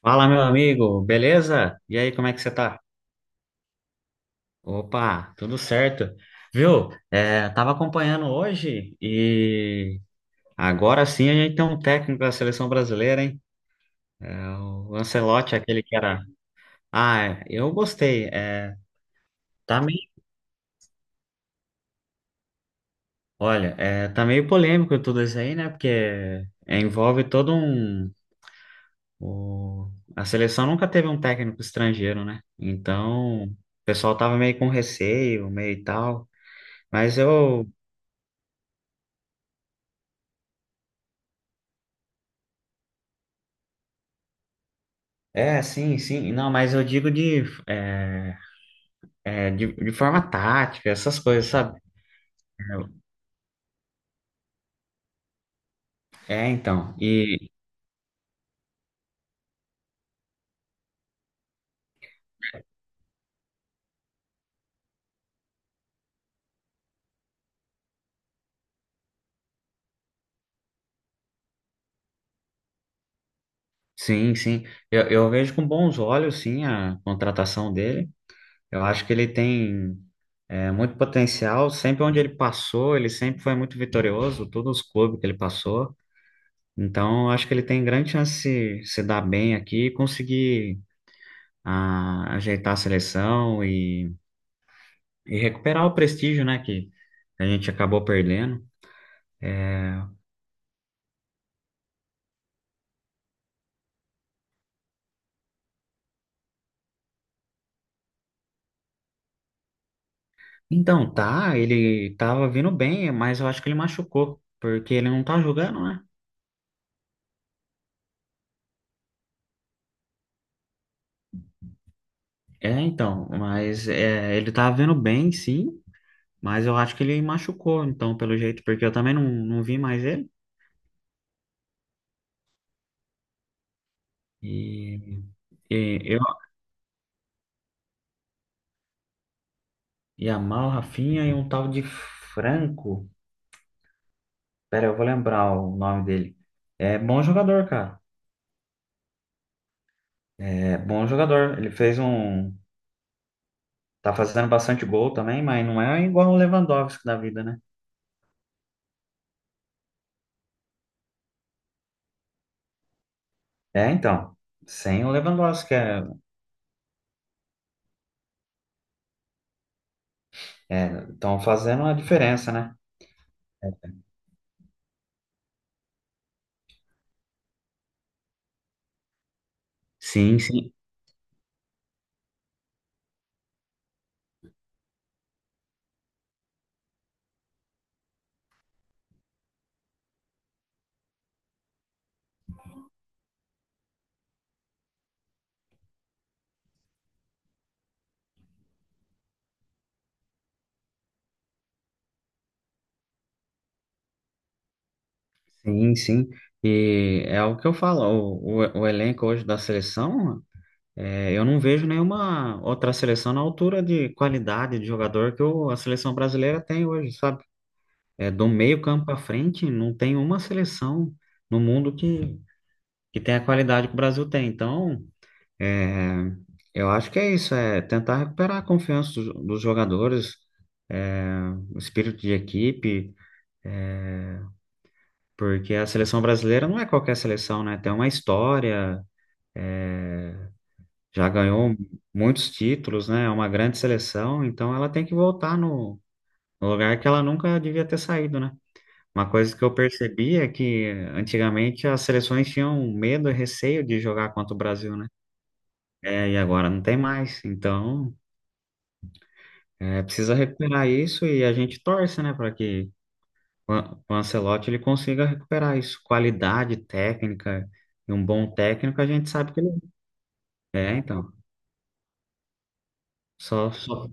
Fala, meu amigo, beleza? E aí, como é que você tá? Opa, tudo certo. Viu? É, tava acompanhando hoje e agora sim a gente tem um técnico da seleção brasileira, hein? É, o Ancelotti, aquele que era. Ah, é, eu gostei. É, tá meio. Olha, é, tá meio polêmico tudo isso aí, né? Porque é, envolve todo um. o- A seleção nunca teve um técnico estrangeiro, né? Então, o pessoal tava meio com receio, meio e tal. Mas eu. É, sim, sim. Não, mas eu digo de, é, é, de forma tática, essas coisas, sabe? É, então. E sim, sim. Eu vejo com bons olhos, sim, a contratação dele. Eu acho que ele tem muito potencial. Sempre onde ele passou, ele sempre foi muito vitorioso, todos os clubes que ele passou. Então, eu acho que ele tem grande chance de se dar bem aqui e conseguir ajeitar a seleção e, recuperar o prestígio, né, que a gente acabou perdendo. Então, tá, ele tava vindo bem, mas eu acho que ele machucou, porque ele não tá jogando, né? É, então, mas é, ele tava vindo bem, sim, mas eu acho que ele machucou, então, pelo jeito, porque eu também não vi mais ele. E, e eu, Yamal, Rafinha e um tal de Franco, pera, eu vou lembrar o nome dele. É bom jogador, cara, é bom jogador. Ele fez um, tá fazendo bastante gol também, mas não é igual o Lewandowski da vida, né? É, então, sem o Lewandowski, estão fazendo a diferença, né? Sim, sim, sim, sim. E é o que eu falo, o elenco hoje da seleção, é, eu não vejo nenhuma outra seleção na altura de qualidade de jogador que a seleção brasileira tem hoje, sabe? É, do meio campo para frente, não tem uma seleção no mundo que, tem a qualidade que o Brasil tem. Então, é, eu acho que é isso, é tentar recuperar a confiança dos jogadores, é, o espírito de equipe. Porque a seleção brasileira não é qualquer seleção, né? Tem uma história, já ganhou muitos títulos, né? É uma grande seleção, então ela tem que voltar no no lugar que ela nunca devia ter saído, né? Uma coisa que eu percebi é que antigamente as seleções tinham medo e receio de jogar contra o Brasil, né? É, e agora não tem mais. Então, é, precisa recuperar isso e a gente torce, né, para que o Ancelotti ele consiga recuperar isso. Qualidade técnica e um bom técnico, a gente sabe que ele é, então. Só, só.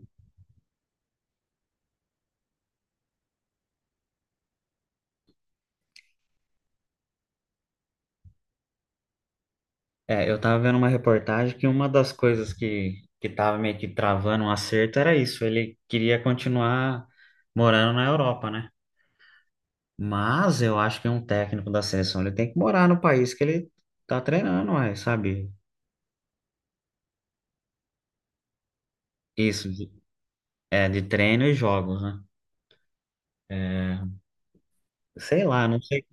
É, eu tava vendo uma reportagem que uma das coisas que, tava meio que travando um acerto era isso. Ele queria continuar morando na Europa, né? Mas eu acho que um técnico da seleção ele tem que morar no país que ele tá treinando, ué, sabe? Isso, de. É, de treino e jogos, né? É, sei lá, não sei.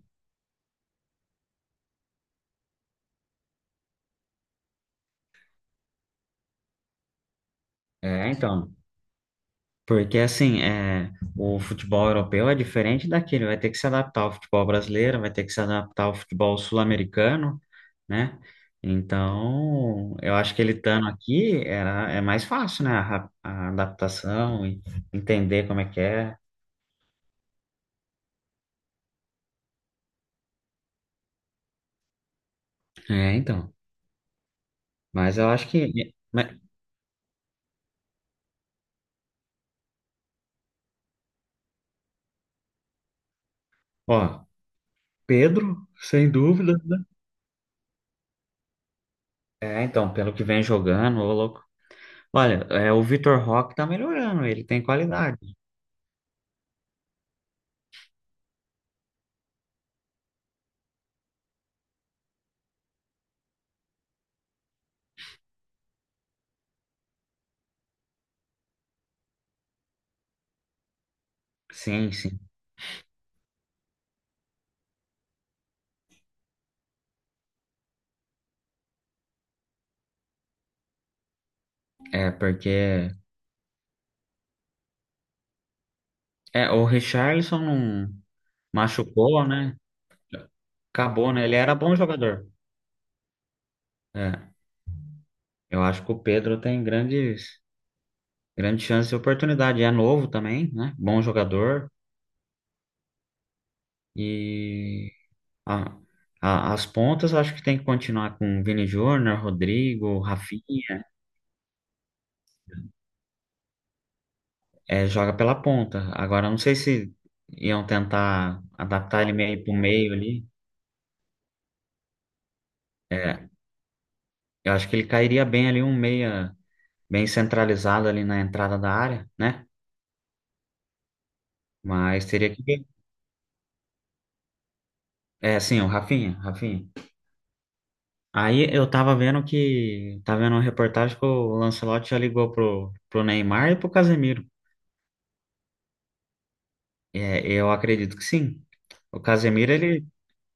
É, então. Porque assim, é, o futebol europeu é diferente daquele, vai ter que se adaptar ao futebol brasileiro, vai ter que se adaptar ao futebol sul-americano. Né? Então, eu acho que ele estando aqui era, é mais fácil, né? A, a adaptação e entender como é que é. É, então. Mas eu acho que, mas, ó, Pedro, sem dúvida, né? É, então, pelo que vem jogando, ô louco. Olha, é, o Vitor Roque tá melhorando, ele tem qualidade. Sim, sim. É, porque é, o Richarlison não machucou, né? Acabou, né? Ele era bom jogador. É, eu acho que o Pedro tem grandes. Grande chance e oportunidade. É novo também, né? Bom jogador. E a- as pontas, eu acho que tem que continuar com Vini Júnior, Rodrigo, Rafinha. É, joga pela ponta. Agora, eu não sei se iam tentar adaptar ele meio pro meio ali. É, eu acho que ele cairia bem ali, um meia bem centralizado ali na entrada da área, né? Mas teria que ver. É, sim, o Rafinha, Rafinha. Aí eu tava vendo que. Tava vendo uma reportagem que o Lancelotti já ligou pro Neymar e pro Casemiro. É, eu acredito que sim. O Casemiro, ele,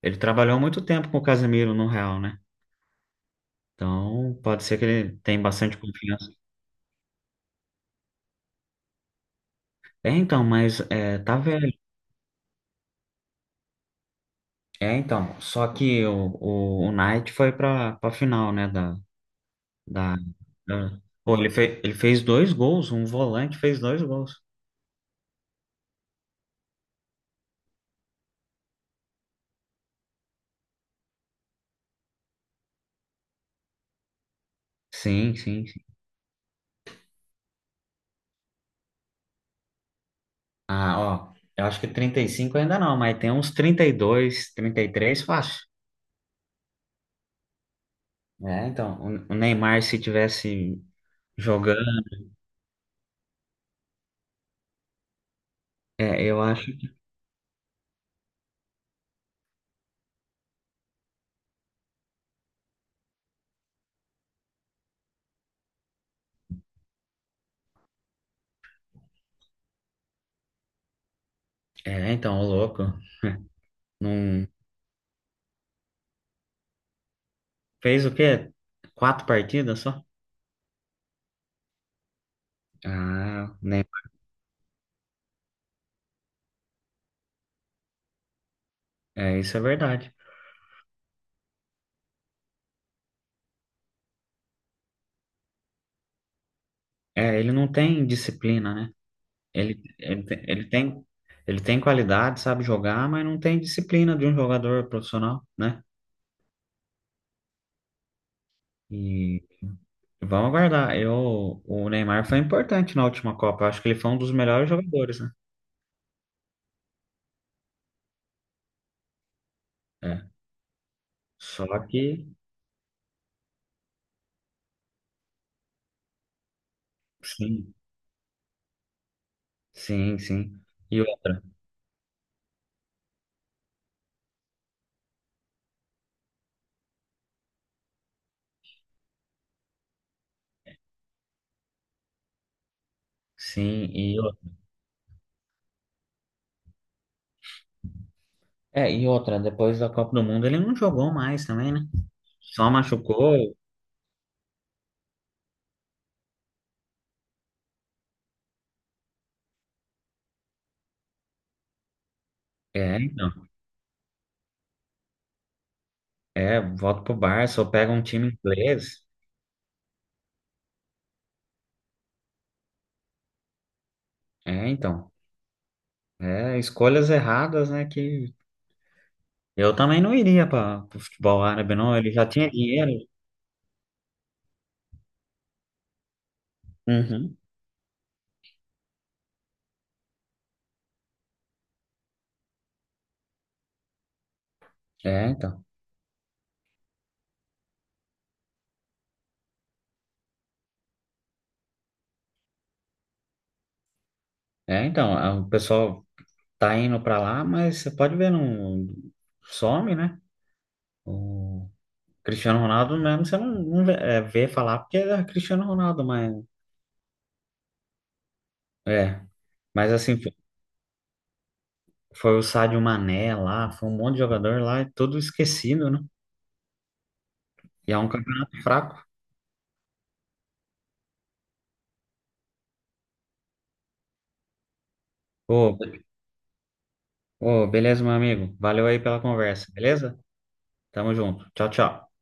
ele trabalhou muito tempo com o Casemiro no Real, né? Então, pode ser que ele tenha bastante confiança. É, então, mas é, tá velho. É, então, só que o Knight foi pra final, né? Da, da, da. Pô, ele fez dois gols, um volante fez dois gols. Sim, sim. Ah, ó, eu acho que 35 ainda não, mas tem uns 30 32 33 fácil. É, então, o Neymar se tivesse jogando, é, eu acho. É, então, o louco. Não fez o quê? Quatro partidas só? Ah, o Neymar, é, isso é verdade. É, ele não tem disciplina, né? Ele, ele, tem- ele tem, ele tem qualidade, sabe jogar, mas não tem disciplina de um jogador profissional, né? E Vamos aguardar. Eu, o Neymar foi importante na última Copa. Acho que ele foi um dos melhores jogadores, né? É. Só que, sim, sim, sim. E outra, sim, e outra. É, e outra, depois da Copa do Mundo ele não jogou mais também, né? Só machucou. É, então. É, volta pro Barça ou pega um time inglês. É, então. É, escolhas erradas, né? Que eu também não iria para o futebol árabe, não. Ele já tinha dinheiro. Uhum. É, então. É, então, o pessoal tá indo pra lá, mas você pode ver, não some, né? O Cristiano Ronaldo mesmo, você não vê, vê falar porque é Cristiano Ronaldo, mas é. Mas assim, foi o Sadio Mané lá, foi um monte de jogador lá, e tudo esquecido, né? E é um campeonato fraco. Ô, be- Beleza, meu amigo. Valeu aí pela conversa, beleza? Tamo junto. Tchau, tchau.